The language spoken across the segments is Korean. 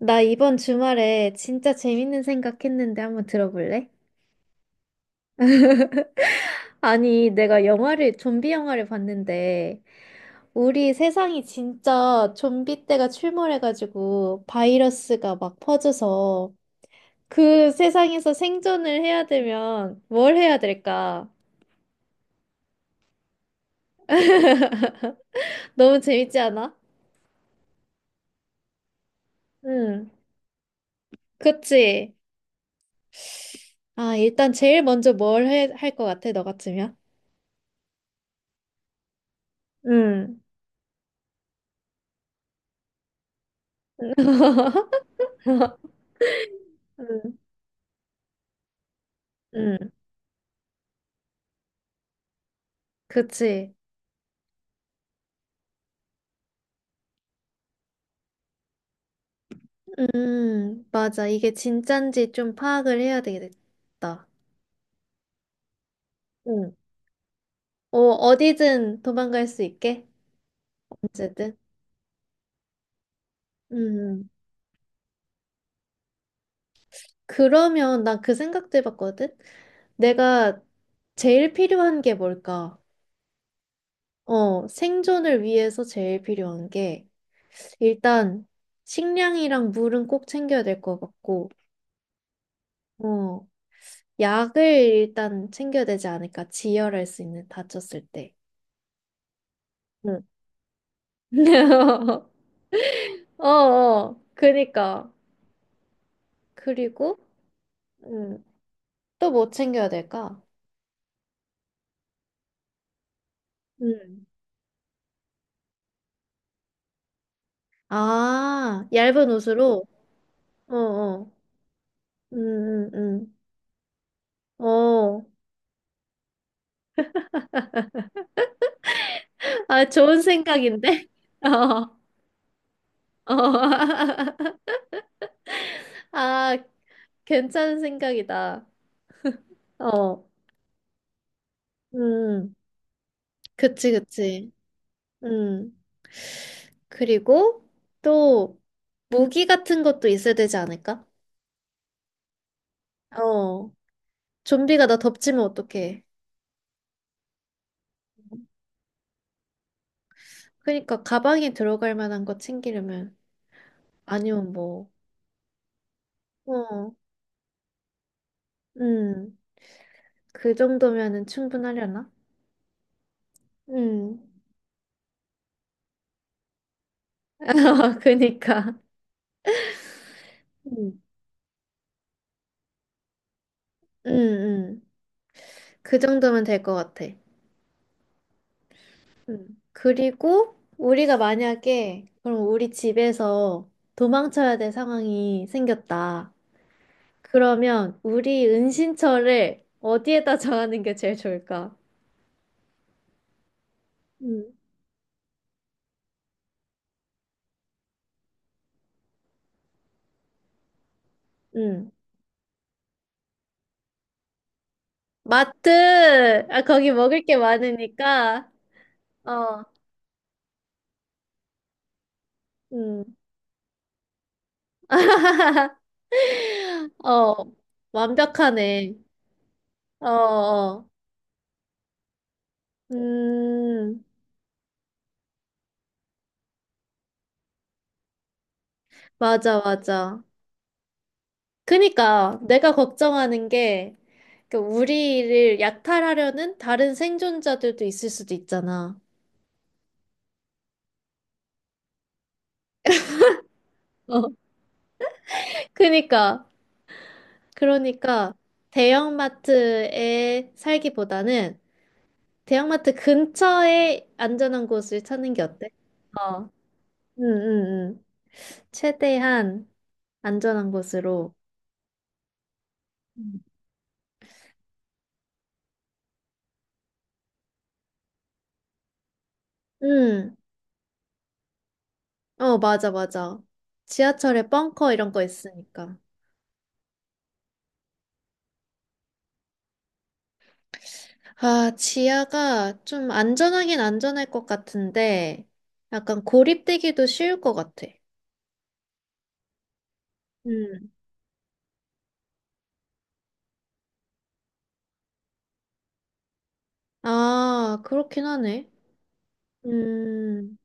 나 이번 주말에 진짜 재밌는 생각했는데 한번 들어볼래? 아니, 내가 영화를, 좀비 영화를 봤는데, 우리 세상이 진짜 좀비 때가 출몰해가지고 바이러스가 막 퍼져서 그 세상에서 생존을 해야 되면 뭘 해야 될까? 너무 재밌지 않아? 응, 그치? 아, 일단 제일 먼저 뭘 할 것 같아, 너 같으면? 응, 응, 응, 그치? 맞아. 이게 진짠지 좀 파악을 해야 되겠다. 응. 어, 어디든 도망갈 수 있게. 언제든. 음. 그러면 난 그 생각도 해봤거든? 내가 제일 필요한 게 뭘까? 어, 생존을 위해서 제일 필요한 게, 일단, 식량이랑 물은 꼭 챙겨야 될 것 같고, 어, 약을 일단 챙겨야 되지 않을까? 지혈할 수 있는, 다쳤을 때. 응. 어, 어, 그니까. 그리고, 음, 또 뭐 챙겨야 될까? 음. 아, 얇은 옷으로? 어, 어. 음, 음, 어. 아, 좋은 생각인데? 어, 어. 아, 괜찮은 생각이다. 어. 음, 그치, 그치. 음. 그리고 또 무기 같은 것도 있어야 되지 않을까? 어. 좀비가 나 덮치면 어떡해. 그러니까 가방에 들어갈 만한 거 챙기려면 아니면 뭐, 어, 음, 그 정도면은 충분하려나? 음, 그니까, 음, 음, 음, 그 정도면 될 것 같아. 음. 그리고 우리가 만약에 그럼 우리 집에서 도망쳐야 될 상황이 생겼다. 그러면 우리 은신처를 어디에다 정하는 게 제일 좋을까? 음, 음. 마트! 아, 거기 먹을 게 많으니까. 어, 음. 어, 완벽하네. 어, 어. 음, 맞아, 맞아. 그니까 내가 걱정하는 게, 그 우리를 약탈하려는 다른 생존자들도 있을 수도 있잖아. 어. 그니까, 그러니까 대형마트에 살기보다는 대형마트 근처에 안전한 곳을 찾는 게 어때? 어. 응, 응, 응. 최대한 안전한 곳으로. 응, 응. 어, 맞아, 맞아. 지하철에 벙커 이런 거 있으니까. 아, 지하가 좀 안전하긴 안전할 것 같은데, 약간 고립되기도 쉬울 것 같아. 음. 아, 그렇긴 하네. 음,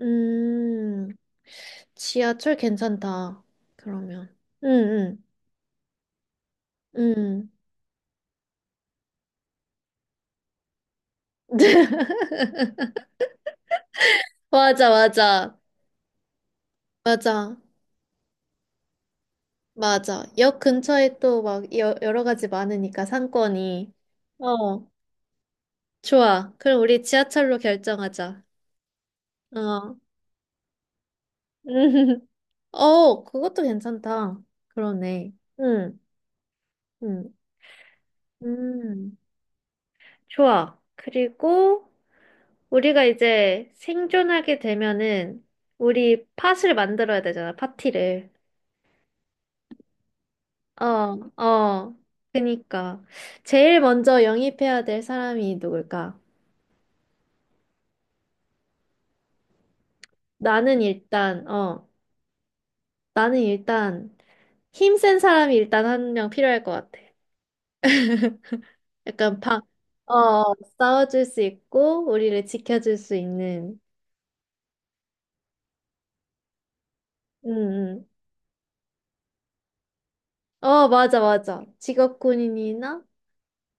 음, 지하철 괜찮다. 그러면. 응, 응, 응. 맞아, 맞아. 맞아. 맞아. 역 근처에 또 막 여러 가지 많으니까 상권이. 어, 좋아. 그럼 우리 지하철로 결정하자. 어. 어, 그것도 괜찮다. 그러네. 응, 응, 음, 좋아. 그리고 우리가 이제 생존하게 되면은 우리 팟을 만들어야 되잖아, 파티를. 어, 어. 그니까. 제일 먼저 영입해야 될 사람이 누굴까? 나는 일단, 어. 나는 일단 힘센 사람이 일단 한 명 필요할 것 같아. 약간 방, 어, 어, 싸워줄 수 있고 우리를 지켜줄 수 있는. 응응 어, 맞아, 맞아. 직업군인이나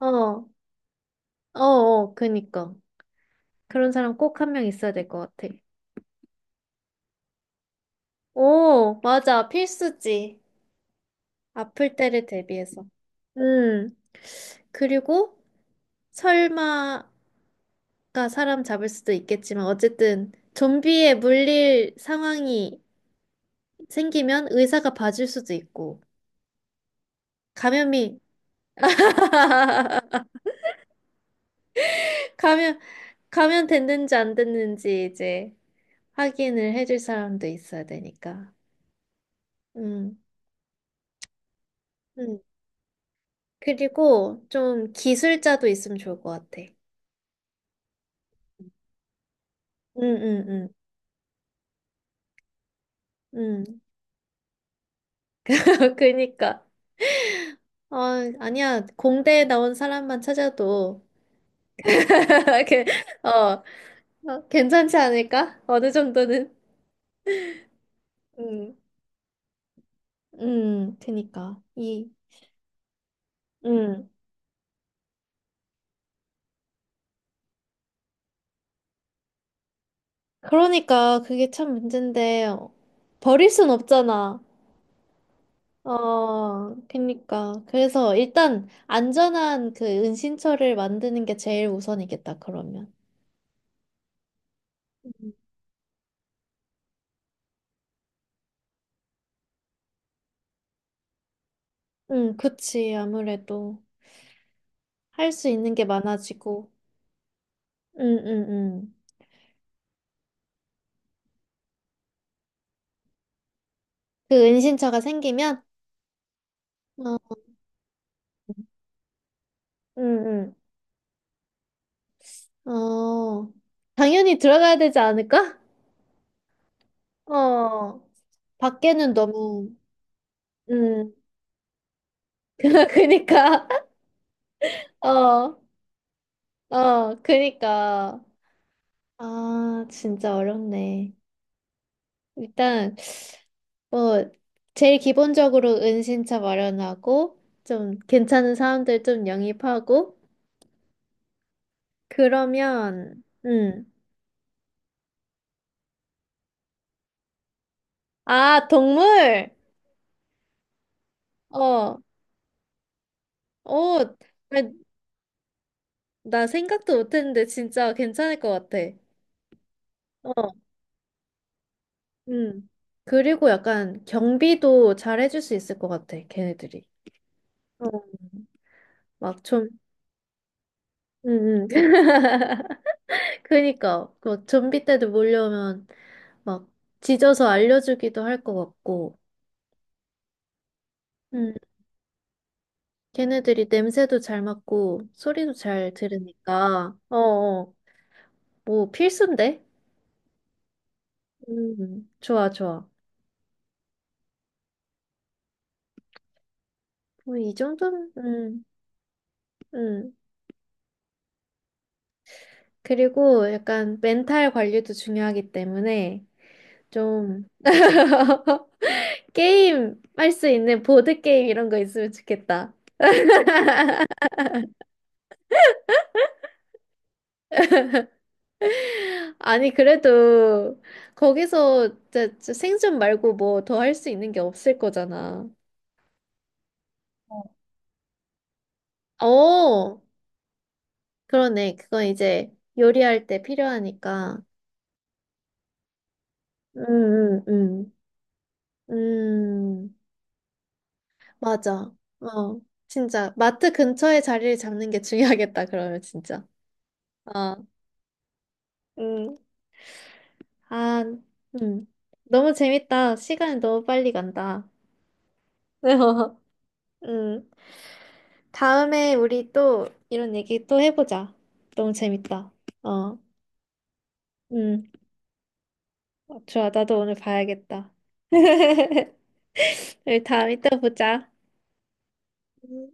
어, 어, 어, 그니까 그런 사람 꼭 한 명 있어야 될 것 같아. 오, 맞아, 필수지. 아플 때를 대비해서. 음. 그리고 설마가 사람 잡을 수도 있겠지만 어쨌든 좀비에 물릴 상황이 생기면 의사가 봐줄 수도 있고, 감염이, 감염, 감염 됐는지 안 됐는지 이제 확인을 해줄 사람도 있어야 되니까. 음, 음. 그리고 좀 기술자도 있으면 좋을 것 같아. 음, 음, 음, 음. 그니까. 어, 아니야. 공대에 나온 사람만 찾아도, 이렇게, 어, 어, 괜찮지 않을까? 어느 정도는. 음, 그니까. 이, 음. 그러니까 그게 참 문제인데 어, 버릴 순 없잖아. 어, 그니까. 그래서 일단 안전한 그 은신처를 만드는 게 제일 우선이겠다, 그러면. 음. 응, 그치. 아무래도 할 수 있는 게 많아지고. 응, 응, 응. 그 은신처가 생기면? 어, 응, 응. 어, 당연히 들어가야 되지 않을까? 어, 밖에는 너무, 응, 그니까. 어. 어, 그니까. 아, 진짜 어렵네. 일단, 뭐, 제일 기본적으로 은신처 마련하고, 좀 괜찮은 사람들 좀 영입하고, 그러면, 아, 동물! 어, 어, 나, 나 생각도 못했는데 진짜 괜찮을 것 같아. 어, 음. 그리고 약간 경비도 잘해줄 수 있을 것 같아, 걔네들이. 어, 막 좀, 음. 그니까, 그 좀비 때도 몰려오면, 막 짖어서 알려주기도 할 것 같고, 음, 걔네들이 냄새도 잘 맡고 소리도 잘 들으니까, 어, 어, 뭐 필수인데? 좋아, 좋아. 뭐 이 정도면, 음. 그리고 약간 멘탈 관리도 중요하기 때문에 좀 게임 할 수 있는 보드 게임 이런 거 있으면 좋겠다. 아니, 그래도 거기서 진짜 생존 말고 뭐 더 할 수 있는 게 없을 거잖아. 어, 그러네. 그건 이제 요리할 때 필요하니까. 음, 음, 음. 음, 맞아. 어, 진짜. 마트 근처에 자리를 잡는 게 중요하겠다, 그러면 진짜. 어, 음. 아, 음. 너무 재밌다. 시간이 너무 빨리 간다. 음. 다음에 우리 또 이런 얘기 또 해보자. 너무 재밌다. 어, 음. 좋아. 나도 오늘 봐야겠다. 우리 다음에 또 보자. 음.